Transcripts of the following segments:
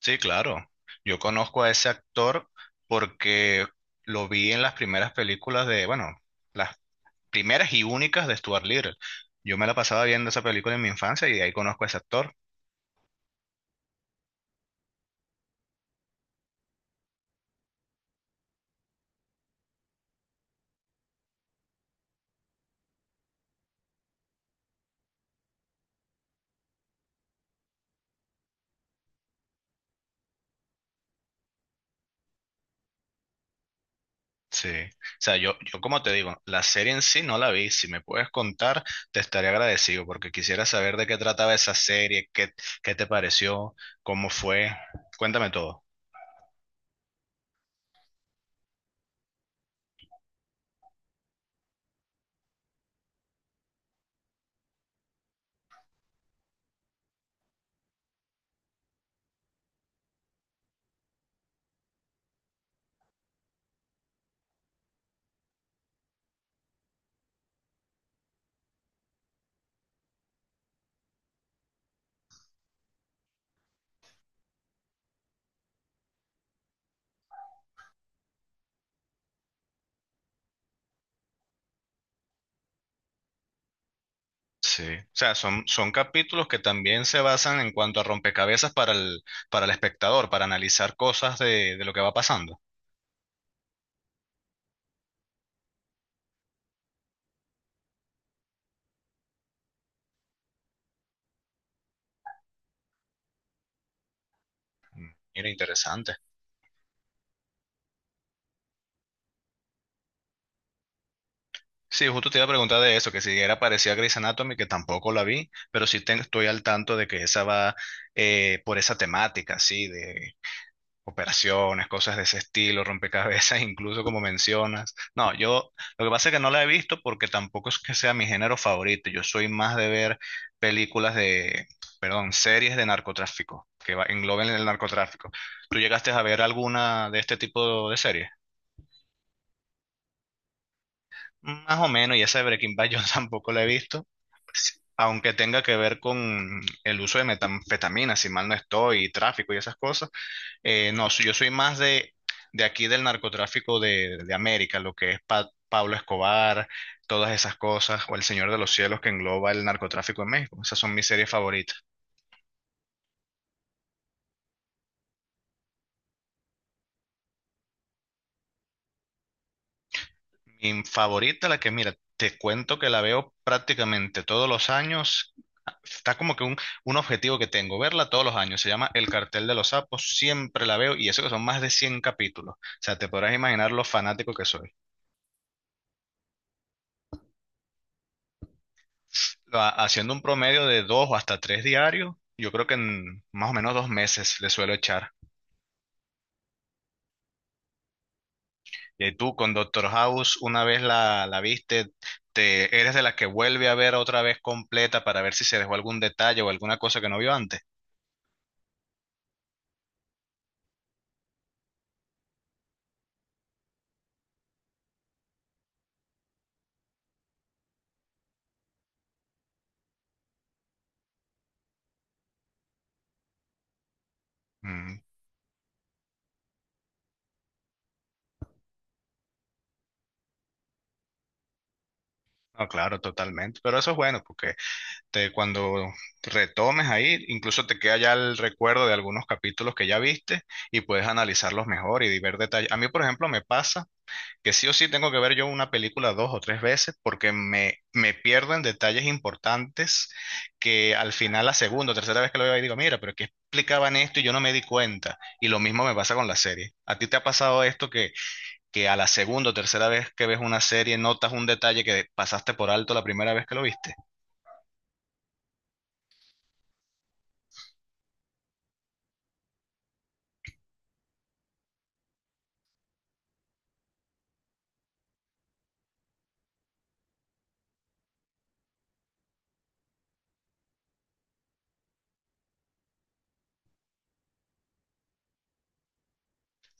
Sí, claro. Yo conozco a ese actor porque lo vi en las primeras películas de, bueno, las primeras y únicas de Stuart Little. Yo me la pasaba viendo esa película en mi infancia y de ahí conozco a ese actor. Sí. O sea, yo como te digo, la serie en sí no la vi. Si me puedes contar, te estaré agradecido porque quisiera saber de qué trataba esa serie, qué, qué te pareció, cómo fue. Cuéntame todo. Sí, o sea, son capítulos que también se basan en cuanto a rompecabezas para el espectador, para analizar cosas de lo que va pasando. Mira, interesante. Sí, justo te iba a preguntar de eso, que si era parecida a Grey's Anatomy, que tampoco la vi, pero sí estoy al tanto de que esa va por esa temática, sí, de operaciones, cosas de ese estilo, rompecabezas, incluso como mencionas. No, yo lo que pasa es que no la he visto porque tampoco es que sea mi género favorito. Yo soy más de ver películas de, perdón, series de narcotráfico, que engloben el narcotráfico. ¿Tú llegaste a ver alguna de este tipo de series? Más o menos, y esa de Breaking Bad yo tampoco la he visto. Aunque tenga que ver con el uso de metanfetaminas, si mal no estoy, y tráfico y esas cosas. No, yo soy más de aquí del narcotráfico de América, lo que es Pablo Escobar, todas esas cosas, o El Señor de los Cielos que engloba el narcotráfico en México. Esas son mis series favoritas. Mi favorita, la que mira, te cuento que la veo prácticamente todos los años. Está como que un objetivo que tengo, verla todos los años. Se llama El Cartel de los Sapos, siempre la veo y eso que son más de 100 capítulos. O sea, te podrás imaginar lo fanático que soy. Haciendo un promedio de dos o hasta tres diarios, yo creo que en más o menos dos meses le suelo echar. Y tú con Doctor House, una vez la viste, te, eres de las que vuelve a ver otra vez completa para ver si se dejó algún detalle o alguna cosa que no vio antes. Mm, No, claro, totalmente. Pero eso es bueno, porque te, cuando retomes ahí, incluso te queda ya el recuerdo de algunos capítulos que ya viste y puedes analizarlos mejor y ver detalles. A mí, por ejemplo, me pasa que sí o sí tengo que ver yo una película dos o tres veces porque me pierdo en detalles importantes que al final la segunda o tercera vez que lo veo ahí digo, mira, pero ¿qué explicaban esto y yo no me di cuenta? Y lo mismo me pasa con la serie. ¿A ti te ha pasado esto que a la segunda o tercera vez que ves una serie notas un detalle que pasaste por alto la primera vez que lo viste?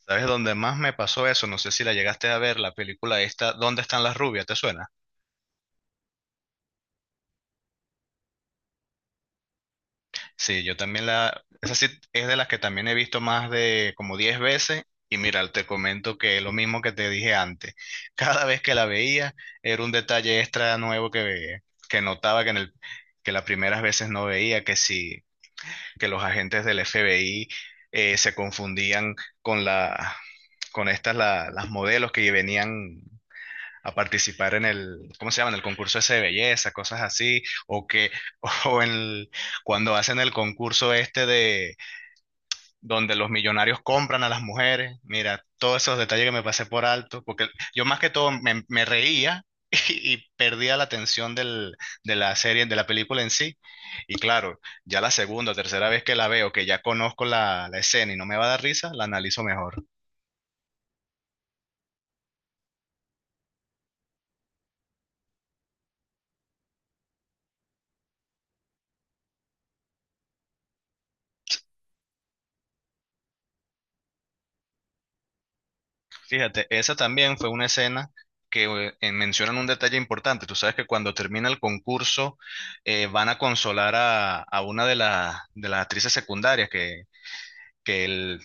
¿Sabes dónde más me pasó eso? No sé si la llegaste a ver, la película esta, ¿Dónde están las rubias? ¿Te suena? Sí, yo también la, esa sí es de las que también he visto más de como 10 veces. Y mira, te comento que lo mismo que te dije antes, cada vez que la veía era un detalle extra nuevo que veía, que notaba que en el, que las primeras veces no veía, que sí, que los agentes del FBI se confundían con la, con estas las modelos que venían a participar en el, ¿cómo se llama? En el concurso ese de belleza, cosas así, o que, o en el- cuando hacen el concurso este de donde los millonarios compran a las mujeres, mira, todos esos detalles que me pasé por alto, porque yo más que todo me, me reía y perdía la atención del, de la serie, de la película en sí, y claro, ya la segunda o tercera vez que la veo, que ya conozco la, la escena y no me va a dar risa, la analizo mejor. Fíjate, esa también fue una escena que mencionan un detalle importante. Tú sabes que cuando termina el concurso van a consolar a una de, de las actrices secundarias que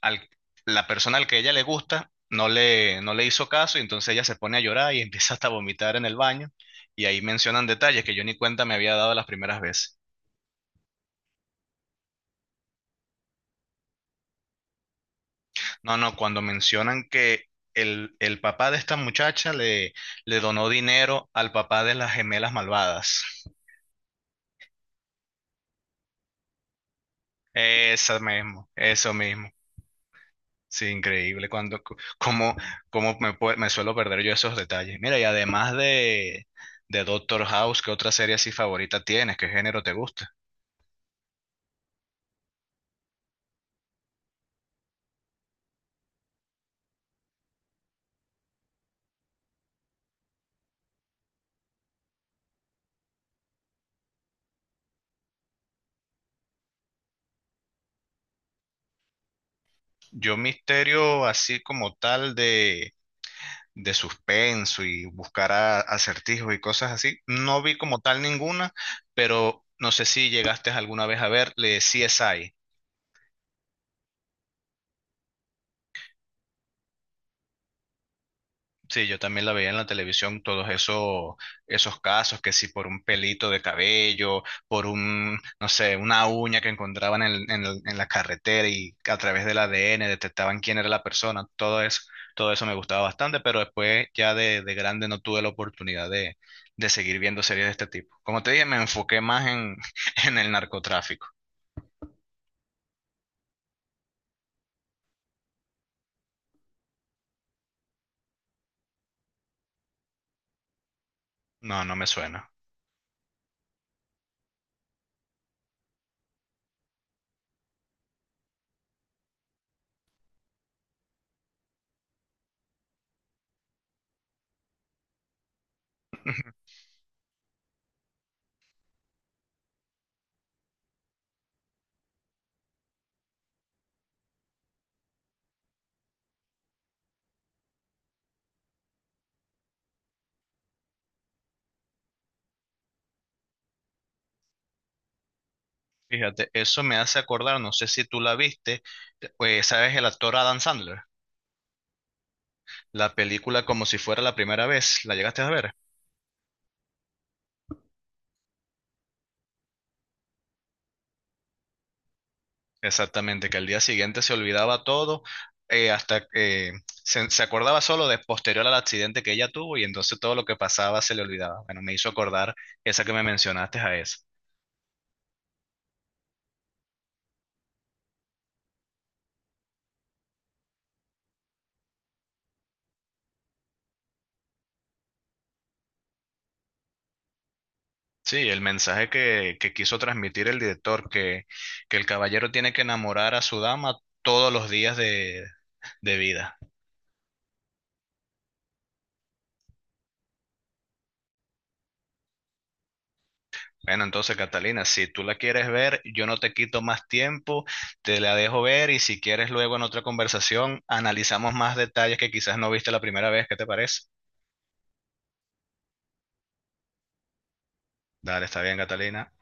al- la persona al que ella le gusta no le, no le hizo caso y entonces ella se pone a llorar y empieza hasta a vomitar en el baño. Y ahí mencionan detalles que yo ni cuenta me había dado las primeras veces. No, no, cuando mencionan que el papá de esta muchacha le donó dinero al papá de las gemelas malvadas. Eso mismo, eso mismo. Sí, increíble. Cómo me, me suelo perder yo esos detalles. Mira, y además de Doctor House, ¿qué otra serie así favorita tienes? ¿Qué género te gusta? Yo misterio así como tal de suspenso y buscar acertijos y cosas así. No vi como tal ninguna, pero no sé si llegaste alguna vez a ver le CSI. Sí, yo también la veía en la televisión, todos esos, esos casos, que si por un pelito de cabello, por un, no sé, una uña que encontraban en, en la carretera y a través del ADN detectaban quién era la persona, todo eso me gustaba bastante, pero después ya de grande no tuve la oportunidad de seguir viendo series de este tipo. Como te dije, me enfoqué más en, en el narcotráfico. No, no me suena. Fíjate, eso me hace acordar, no sé si tú la viste, ¿sabes el actor Adam Sandler? La película como si fuera la primera vez, ¿la llegaste a ver? Exactamente, que al día siguiente se olvidaba todo, hasta que se acordaba solo de posterior al accidente que ella tuvo y entonces todo lo que pasaba se le olvidaba. Bueno, me hizo acordar esa que me mencionaste a esa. Sí, el mensaje que quiso transmitir el director, que el caballero tiene que enamorar a su dama todos los días de vida. Bueno, entonces Catalina, si tú la quieres ver, yo no te quito más tiempo, te la dejo ver y si quieres luego en otra conversación analizamos más detalles que quizás no viste la primera vez, ¿qué te parece? Dale, está bien, Catalina.